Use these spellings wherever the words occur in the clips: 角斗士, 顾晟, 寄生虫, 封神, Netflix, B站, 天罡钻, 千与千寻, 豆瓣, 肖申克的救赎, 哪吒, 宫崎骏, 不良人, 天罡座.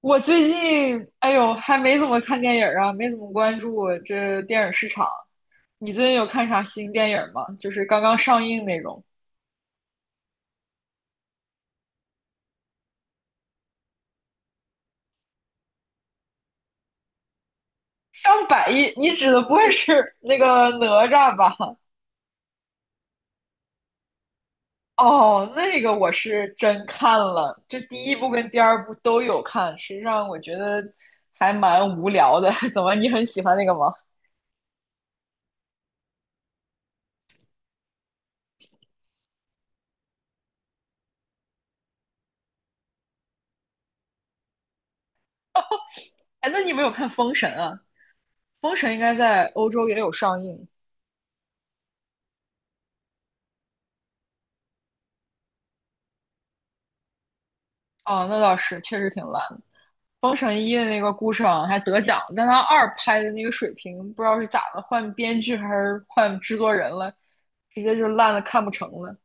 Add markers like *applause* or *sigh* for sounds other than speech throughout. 我最近，哎呦，还没怎么看电影儿啊，没怎么关注这电影市场。你最近有看啥新电影吗？就是刚刚上映那种，上百亿。你指的不会是 *laughs* 那个哪吒吧？哦，那个我是真看了，这第一部跟第二部都有看。实际上，我觉得还蛮无聊的。*laughs* 怎么，你很喜欢那个吗？哎，那你没有看《封神》啊？《封神》应该在欧洲也有上映。哦，那倒是，确实挺烂封神一》的那个顾晟还得奖，但他二拍的那个水平不知道是咋的，换编剧还是换制作人了，直接就烂的看不成了。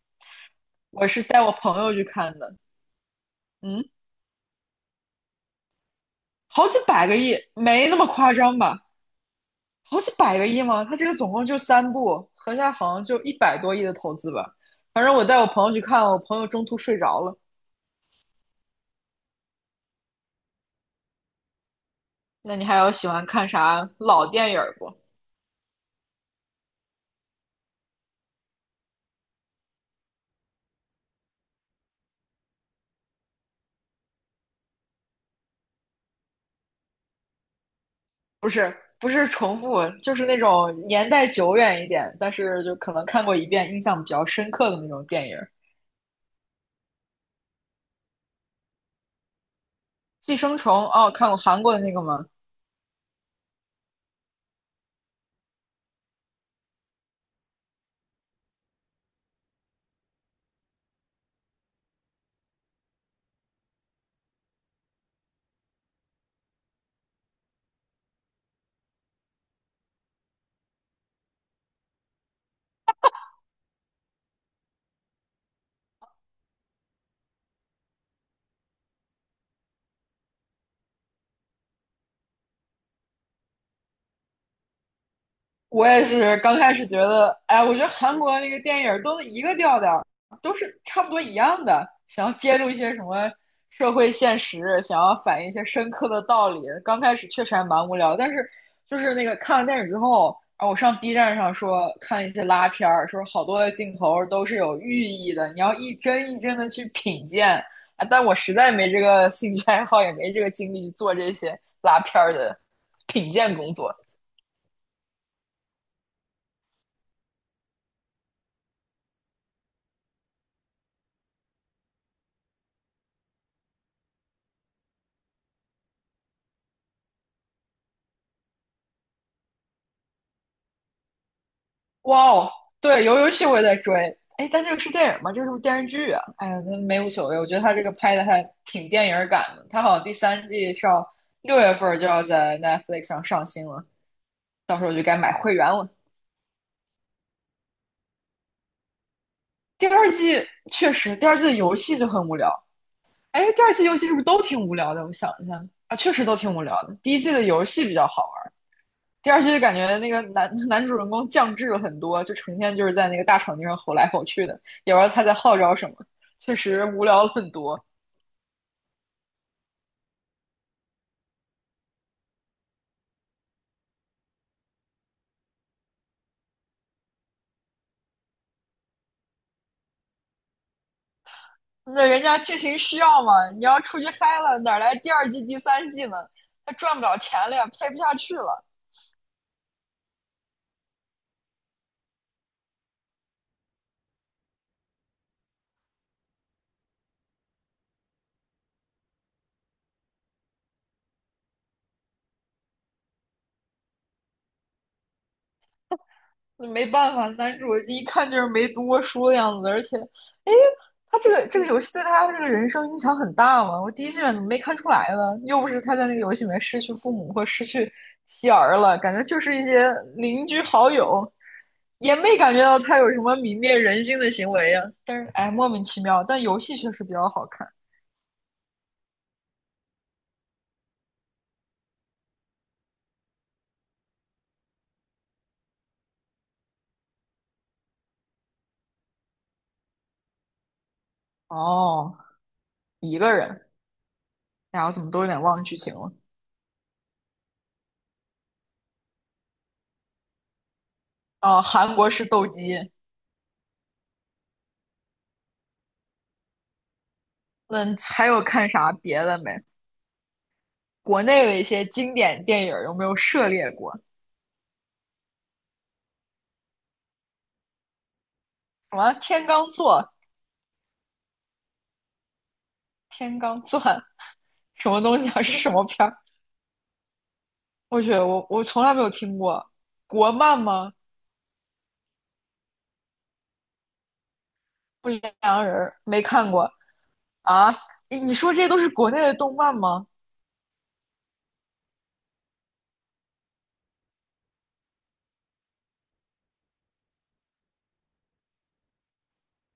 我是带我朋友去看的，嗯，好几百个亿，没那么夸张吧？好几百个亿吗？他这个总共就3部，合下好像就100多亿的投资吧。反正我带我朋友去看，我朋友中途睡着了。那你还有喜欢看啥老电影不？不是不是重复，就是那种年代久远一点，但是就可能看过一遍，印象比较深刻的那种电影寄生虫，哦，看过韩国的那个吗？我也是刚开始觉得，哎，我觉得韩国那个电影都是一个调调，都是差不多一样的，想要揭露一些什么社会现实，想要反映一些深刻的道理。刚开始确实还蛮无聊，但是就是那个看完电影之后，啊，我上 B 站上说看一些拉片儿，说好多的镜头都是有寓意的，你要一帧一帧的去品鉴。啊，但我实在没这个兴趣爱好，也没这个精力去做这些拉片儿的品鉴工作。哇哦，对，游戏我也在追。哎，但这个是电影吗？这个是不是电视剧啊？哎呀，那没无所谓。我觉得他这个拍的还挺电影感的。他好像第三季上6月份就要在 Netflix 上上新了，到时候我就该买会员了。第二季确实，第二季的游戏就很无聊。哎，第二季游戏是不是都挺无聊的？我想一下啊，确实都挺无聊的。第一季的游戏比较好玩。第二季就感觉那个男 *laughs* 男主人公降智了很多，就成天就是在那个大场地上吼来吼去的，也不知道他在号召什么，确实无聊了很多。那人家剧情需要嘛，你要出去嗨了，哪来第二季、第三季呢？他赚不了钱了呀，拍不下去了。没办法，男主一看就是没读过书的样子，而且，哎，他这个游戏对他这个人生影响很大嘛。我第一季怎么没看出来呢？又不是他在那个游戏里面失去父母或失去妻儿了，感觉就是一些邻居好友，也没感觉到他有什么泯灭人性的行为呀、但是，哎，莫名其妙，但游戏确实比较好看。哦，一个人，哎呀，我怎么都有点忘剧情了。哦，韩国是斗鸡。那还有看啥别的没？国内的一些经典电影有没有涉猎过？什么天罡座、天罡钻什么东西啊？是什么片儿？我去，我从来没有听过。国漫吗？不良人没看过啊？你说这都是国内的动漫吗？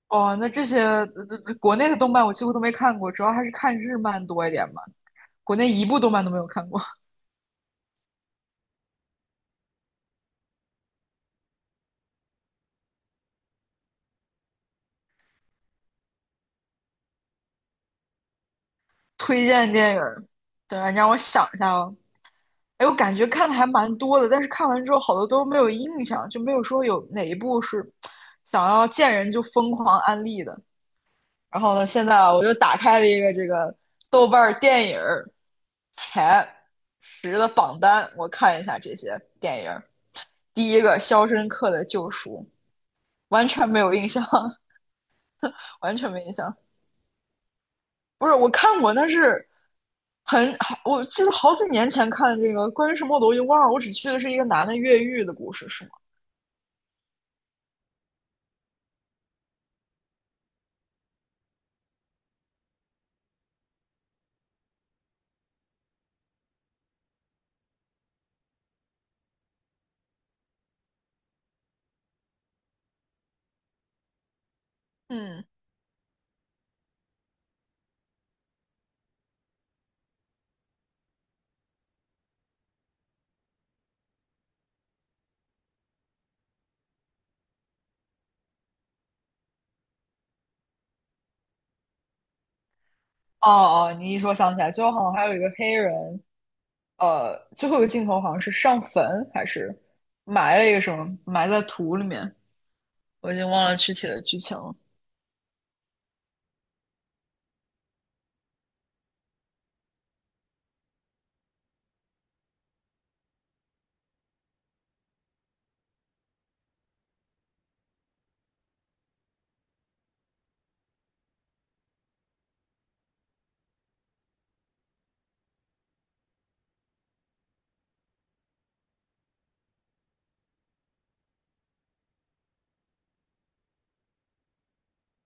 哦，那这些国内的动漫我几乎都没看过，主要还是看日漫多一点吧。国内一部动漫都没有看过。推荐电影儿，等下你让我想一下哦。哎，我感觉看的还蛮多的，但是看完之后好多都没有印象，就没有说有哪一部是想要见人就疯狂安利的。然后呢，现在啊，我又打开了一个这个豆瓣儿电影儿前十的榜单，我看一下这些电影儿。第一个《肖申克的救赎》，完全没有印象，*laughs* 完全没印象。不是，我看过，但是很，好，我记得好几年前看这个，关于什么我都已经忘了。我只记得是一个男的越狱的故事，是吗？嗯，哦哦，你一说想起来，最后好像还有一个黑人，最后一个镜头好像是上坟还是埋了一个什么，埋在土里面，我已经忘了具体的剧情了。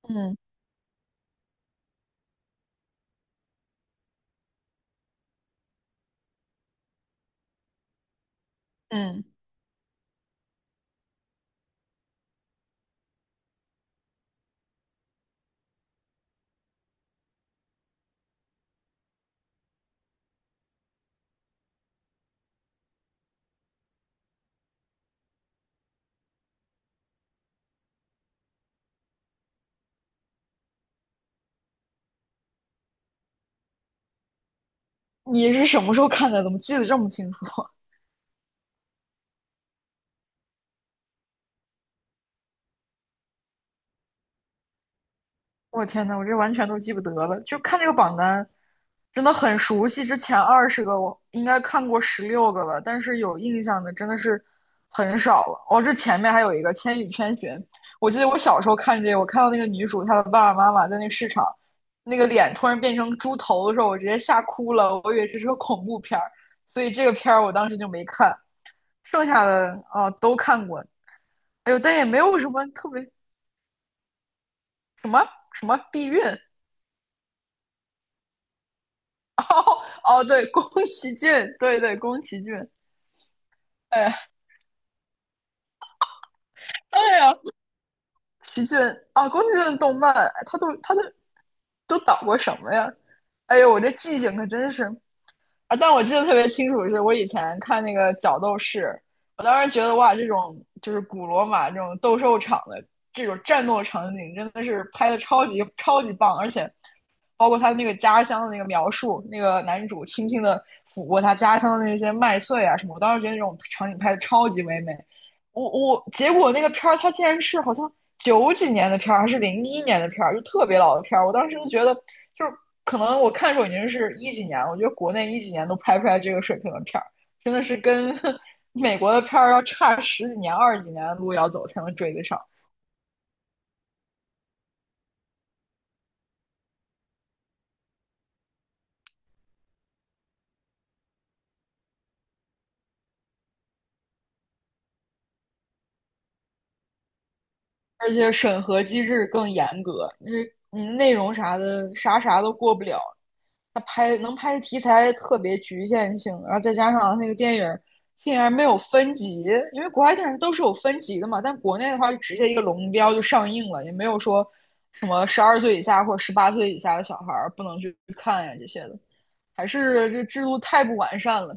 嗯嗯，你是什么时候看的？怎么记得这么清楚？我天呐，我这完全都记不得了，就看这个榜单，真的很熟悉。之前20个我应该看过16个吧，但是有印象的真的是很少了。哦，这前面还有一个《千与千寻》，我记得我小时候看这个，我看到那个女主她的爸爸妈妈在那个市场，那个脸突然变成猪头的时候，我直接吓哭了，我以为这是个恐怖片儿，所以这个片儿我当时就没看。剩下的啊、哦都看过，哎呦，但也没有什么特别什么避孕，哦，对，宫崎骏，对对，宫崎骏，哎，对呀，宫崎骏啊，宫崎骏的动漫，哎他都都导过什么呀？哎呦，我这记性可真是啊！但我记得特别清楚，是我以前看那个《角斗士》，我当时觉得哇，这种就是古罗马这种斗兽场的这种战斗场景，真的是拍的超级超级棒，而且包括他那个家乡的那个描述，那个男主轻轻的抚过他家乡的那些麦穗啊什么，我当时觉得那种场景拍的超级唯美。我结果那个片儿，它竟然是好像九几年的片儿，还是零一年的片儿，就特别老的片儿。我当时就觉得，就是可能我看的时候已经是一几年了，我觉得国内一几年都拍不出来这个水平的片儿，真的是跟 *laughs* 美国的片儿要差十几年、二十几年的路要走才能追得上。而且审核机制更严格，那内容啥的啥啥都过不了。他拍能拍的题材特别局限性，然后再加上那个电影儿竟然没有分级，因为国外电影都是有分级的嘛，但国内的话就直接一个龙标就上映了，也没有说什么12岁以下或者18岁以下的小孩儿不能去看呀这些的，还是这制度太不完善了。